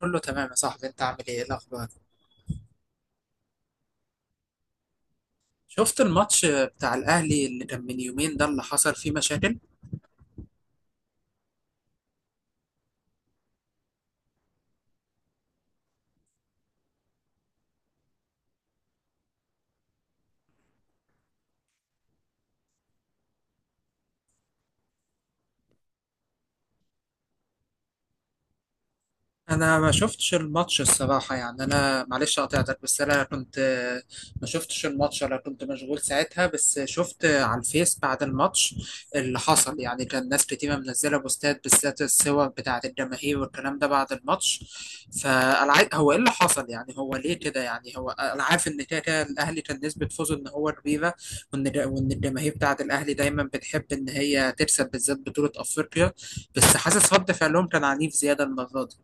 كله تمام يا صاحبي، انت عامل ايه؟ ايه الاخبار؟ شفت الماتش بتاع الاهلي اللي كان من يومين ده اللي حصل فيه مشاكل؟ انا ما شفتش الماتش الصراحه، يعني انا معلش قطعتك بس انا كنت ما شفتش الماتش، انا كنت مشغول ساعتها. بس شفت على الفيس بعد الماتش اللي حصل، يعني كان ناس كتير منزله بوستات بالذات الصور بتاعه الجماهير والكلام ده بعد الماتش. هو ايه اللي حصل يعني؟ هو ليه كده يعني؟ هو انا عارف ان كده كده الاهلي كان نسبه فوزه ان هو كبيره، وان الجماهير بتاعه الاهلي دايما بتحب ان هي تكسب بالذات بطوله افريقيا، بس حاسس رد فعلهم كان عنيف زياده المره دي.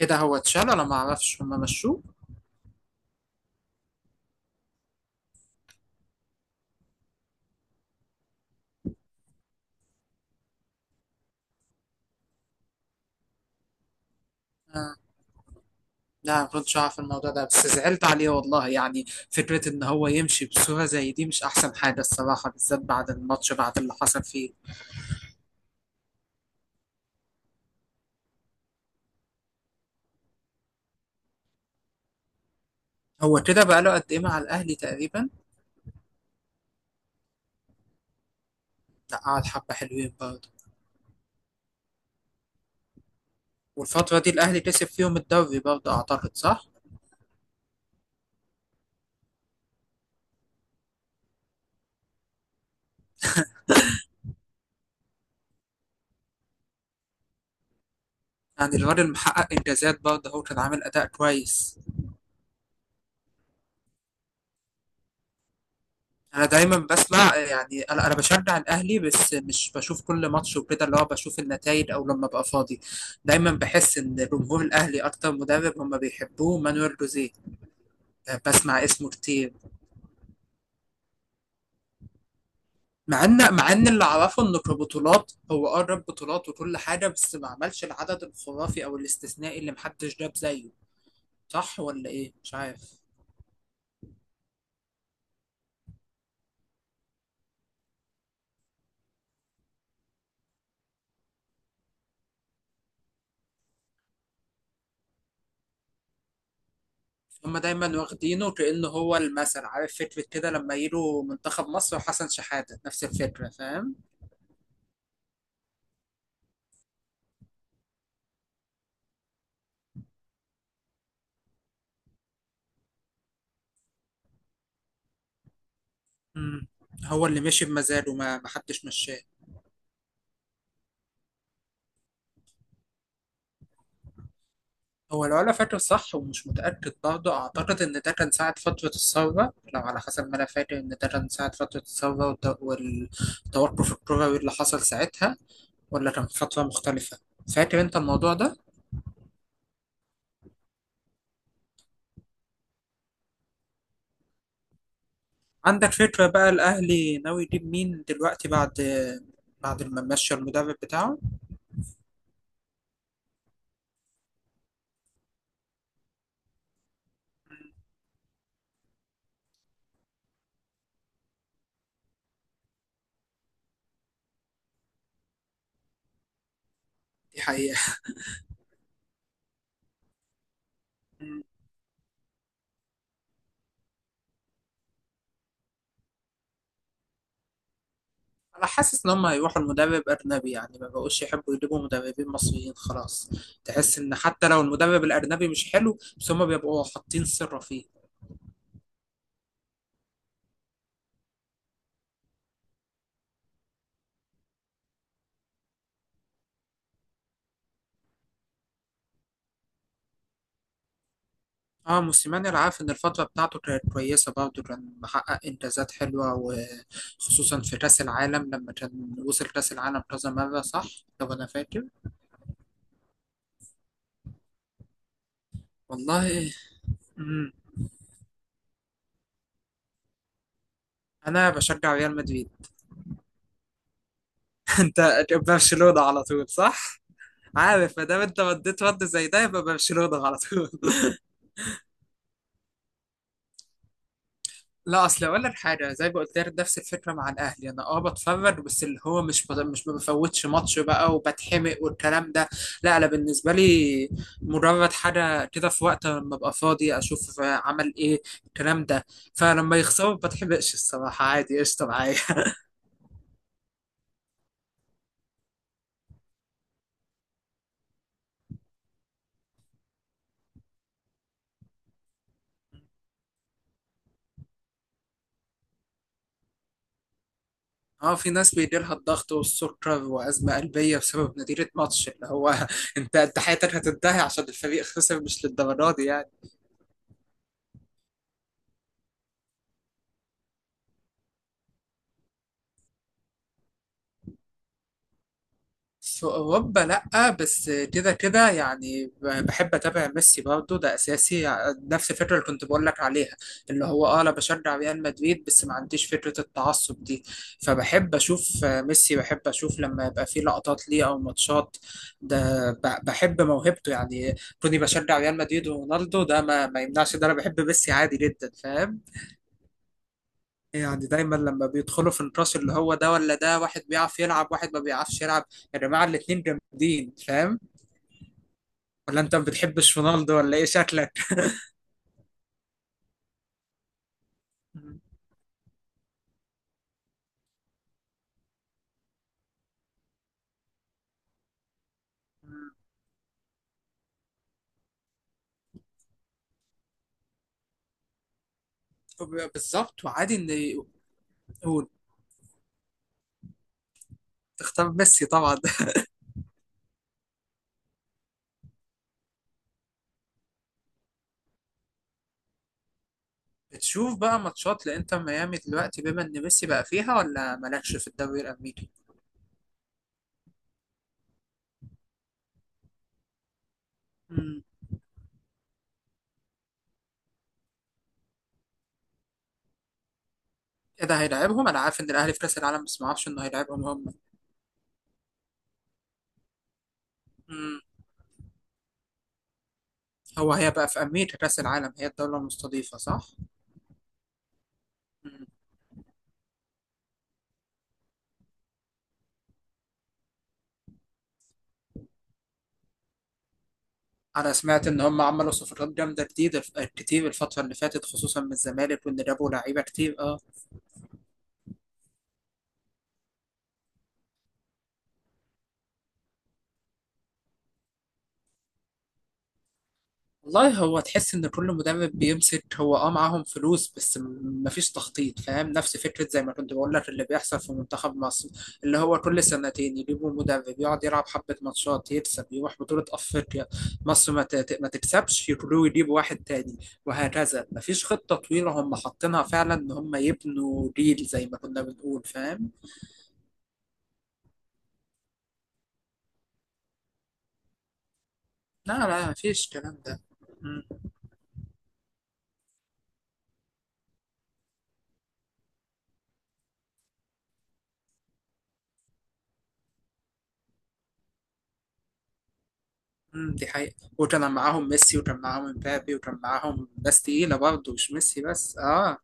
ايه ده؟ هو اتشال ولا ما اعرفش هم مشوه؟ آه. لا، ما كنتش اعرف الموضوع ده. بس زعلت عليه والله يعني. فكرة ان هو يمشي بصورة زي دي مش احسن حاجة الصراحة، بالذات بعد الماتش بعد اللي حصل فيه. هو كده بقاله قد ايه مع الاهلي تقريبا؟ لا، قعد حبة حلوين برضه. والفترة دي الاهلي كسب فيهم الدوري برضه اعتقد، صح؟ يعني الراجل محقق انجازات برضه، هو كان عامل اداء كويس. انا دايما بسمع، يعني انا بشجع الاهلي بس مش بشوف كل ماتش وكده، اللي هو بشوف النتائج او لما ابقى فاضي. دايما بحس ان جمهور الاهلي اكتر مدرب هم بيحبوه مانويل جوزيه. بسمع اسمه كتير. مع ان اللي اعرفه انه كبطولات هو قرب بطولات وكل حاجه، بس ما عملش العدد الخرافي او الاستثنائي اللي محدش جاب زيه. صح ولا ايه؟ مش عارف. هما دايما واخدينه كأنه هو المثل، عارف فكرة كده لما يجوا منتخب مصر وحسن شحاتة نفس الفكرة، فاهم؟ مم. هو اللي ماشي بمزاجه، ما حدش مشاه. هو لو انا فاكر صح ومش متاكد برضه، اعتقد ان ده كان ساعه فتره الثوره. لو على حسب ما انا فاكر ان ده كان ساعه فتره الثوره والتوقف الكروي اللي حصل ساعتها، ولا كان فتره مختلفه؟ فاكر انت الموضوع ده؟ عندك فكره بقى الاهلي ناوي يجيب مين دلوقتي بعد بعد ما مشى المدرب بتاعه؟ دي حقيقه. انا حاسس ان هم هيروحوا المدرب اجنبي يعني، ما بقوش يحبوا يجيبوا مدربين مصريين خلاص. تحس ان حتى لو المدرب الاجنبي مش حلو بس هم بيبقوا حاطين سر فيه. اه، موسيماني انا عارف ان الفترة بتاعته كانت كويسة برضه، كان محقق انجازات حلوة وخصوصا في كأس العالم لما كان وصل كأس العالم كذا مرة، صح؟ لو انا فاكر. والله. مم. انا بشجع ريال مدريد. انت برشلونة على طول، صح؟ عارف، ما دام انت رديت رد زي ده يبقى برشلونة على طول. لا اصل اقول لك حاجه زي ما قلت لك نفس الفكره مع الاهلي، انا اه بتفرج بس اللي هو مش ما بفوتش ماتش بقى وبتحمق والكلام ده. لا انا بالنسبه لي مجرد حاجه كده، في وقت لما ابقى فاضي اشوف عمل ايه الكلام ده. فلما يخسروا ما بتحمقش الصراحه، عادي قشطه معايا. اه، في ناس بيجي لها الضغط والسكر وازمه قلبيه بسبب نتيجه ماتش اللي هو. انت حياتك هتنتهي عشان الفريق خسر؟ مش للدرجه دي يعني. في أوروبا لأ، بس كده كده يعني بحب أتابع ميسي برضه، ده أساسي. نفس الفكرة اللي كنت بقول لك عليها، اللي هو أه أنا بشجع ريال مدريد بس ما عنديش فكرة التعصب دي. فبحب أشوف ميسي، بحب أشوف لما يبقى فيه لقطات ليه أو ماتشات، بحب موهبته يعني. كوني بشجع ريال مدريد ورونالدو ده ما يمنعش ده أنا بحب ميسي عادي جدا، فاهم؟ يعني دايما لما بيدخلوا في الراس اللي هو ده ولا ده، واحد بيعرف يلعب واحد ما بيعرفش يلعب. يا جماعة الاتنين جامدين، فاهم؟ ولا انت ما بتحبش رونالدو ولا ايه شكلك؟ مم. بالظبط، وعادي ان يقول تختار ميسي طبعا. بتشوف بقى ماتشات لانتر ميامي دلوقتي بما ان ميسي بقى فيها، ولا مالكش في الدوري الامريكي؟ امم. ايه ده، هيلاعبهم؟ انا عارف ان الاهلي في كاس العالم بس ما اعرفش انه هيلاعبهم هم. امم. هو هي بقى في امريكا كاس العالم، هي الدولة المستضيفة، صح؟ مم. انا سمعت ان هم عملوا صفقات جامده جديده كتير الفتره اللي فاتت، خصوصا من الزمالك، وان جابوا لعيبه كتير، اه. والله هو تحس ان كل مدرب بيمسك هو اه معاهم فلوس بس مفيش تخطيط، فاهم؟ نفس فكره زي ما كنت بقول لك اللي بيحصل في منتخب مصر، اللي هو كل سنتين يجيبوا مدرب يقعد يلعب حبه ماتشات، يكسب، يروح بطوله افريقيا، مصر ما تكسبش يقولوا يجيبوا واحد تاني، وهكذا. مفيش خطه طويله هم حاطينها فعلا ان هم يبنوا جيل زي ما كنا بنقول، فاهم؟ لا لا، مفيش الكلام ده. مم. مم. دي حقيقة، وكان معاهم ميسي وكان معاهم مبابي وكان معاهم ناس تقيلة برضه مش ميسي بس، اه.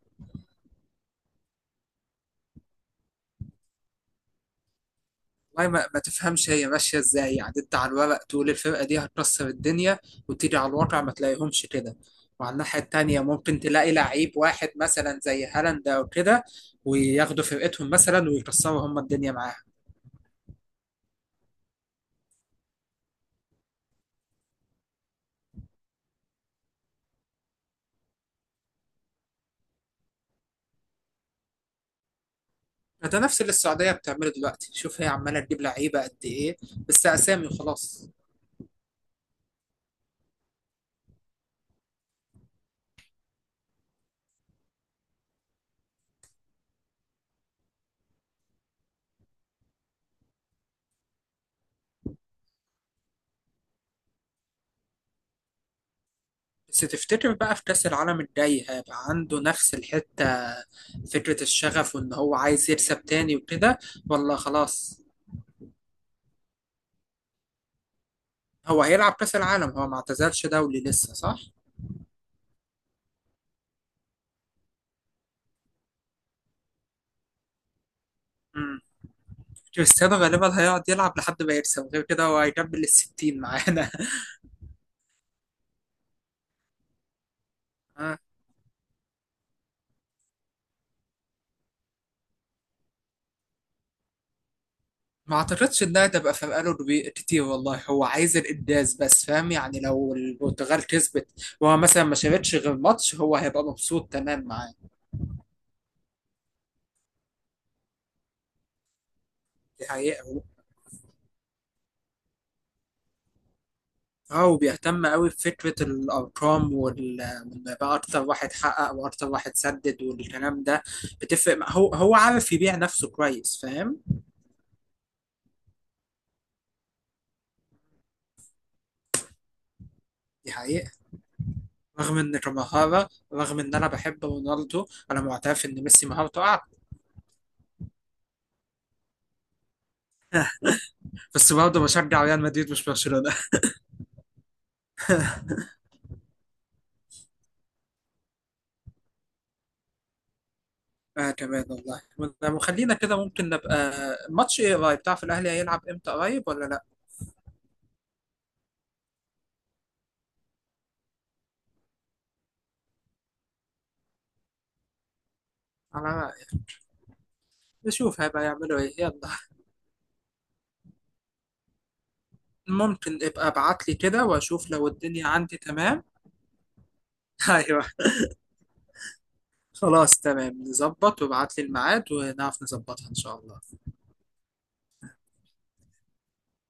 والله ما تفهمش هي ماشية ازاي. يعني انت على الورق تقول الفرقة دي هتكسر الدنيا، وتيجي على الواقع ما تلاقيهمش كده. وعلى الناحية التانية ممكن تلاقي لعيب واحد مثلا زي هالاند أو كده، وياخدوا فرقتهم مثلا ويكسروا هم الدنيا معاها. فده نفس اللي السعودية بتعمله دلوقتي، شوف هي عمالة تجيب لعيبة قد إيه، بس أسامي وخلاص. بس تفتكر بقى في كأس العالم الجاي هيبقى عنده نفس الحتة، فكرة الشغف وإن هو عايز يكسب تاني وكده، ولا خلاص؟ هو هيلعب كأس العالم؟ هو ما اعتزلش دولي لسه، صح؟ مم. كريستيانو غالبا هيقعد يلعب لحد ما يكسب، غير كده هو هيكمل الستين معانا. آه. ما اعتقدش انها تبقى فرقاله كتير والله. هو عايز الانجاز بس، فاهم؟ يعني لو البرتغال كسبت وهو مثلا ما شاركش غير ماتش هو هيبقى مبسوط تمام معاه. دي حقيقة. اه، وبيهتم قوي بفكرة الأرقام وال... وإن بقى أكتر واحد حقق وأكتر واحد سدد والكلام ده. هو هو عارف يبيع نفسه كويس، فاهم؟ دي حقيقة. رغم إن كمهارة، رغم إن أنا بحب رونالدو، أنا معترف إن ميسي مهارته أعلى. بس برضه بشجع ريال مدريد مش برشلونة. آه كمان والله. طب وخلينا كده، ممكن نبقى ماتش إيه قريب؟ تعرف الأهلي هيلعب إمتى؟ قريب ولا لأ؟ على رأيك. نشوف هيبقى يعملوا إيه. يلا، ممكن ابقى ابعت لي كده وأشوف لو الدنيا عندي تمام. ايوه، خلاص تمام، نظبط وابعت لي الميعاد ونعرف نظبطها ان شاء الله.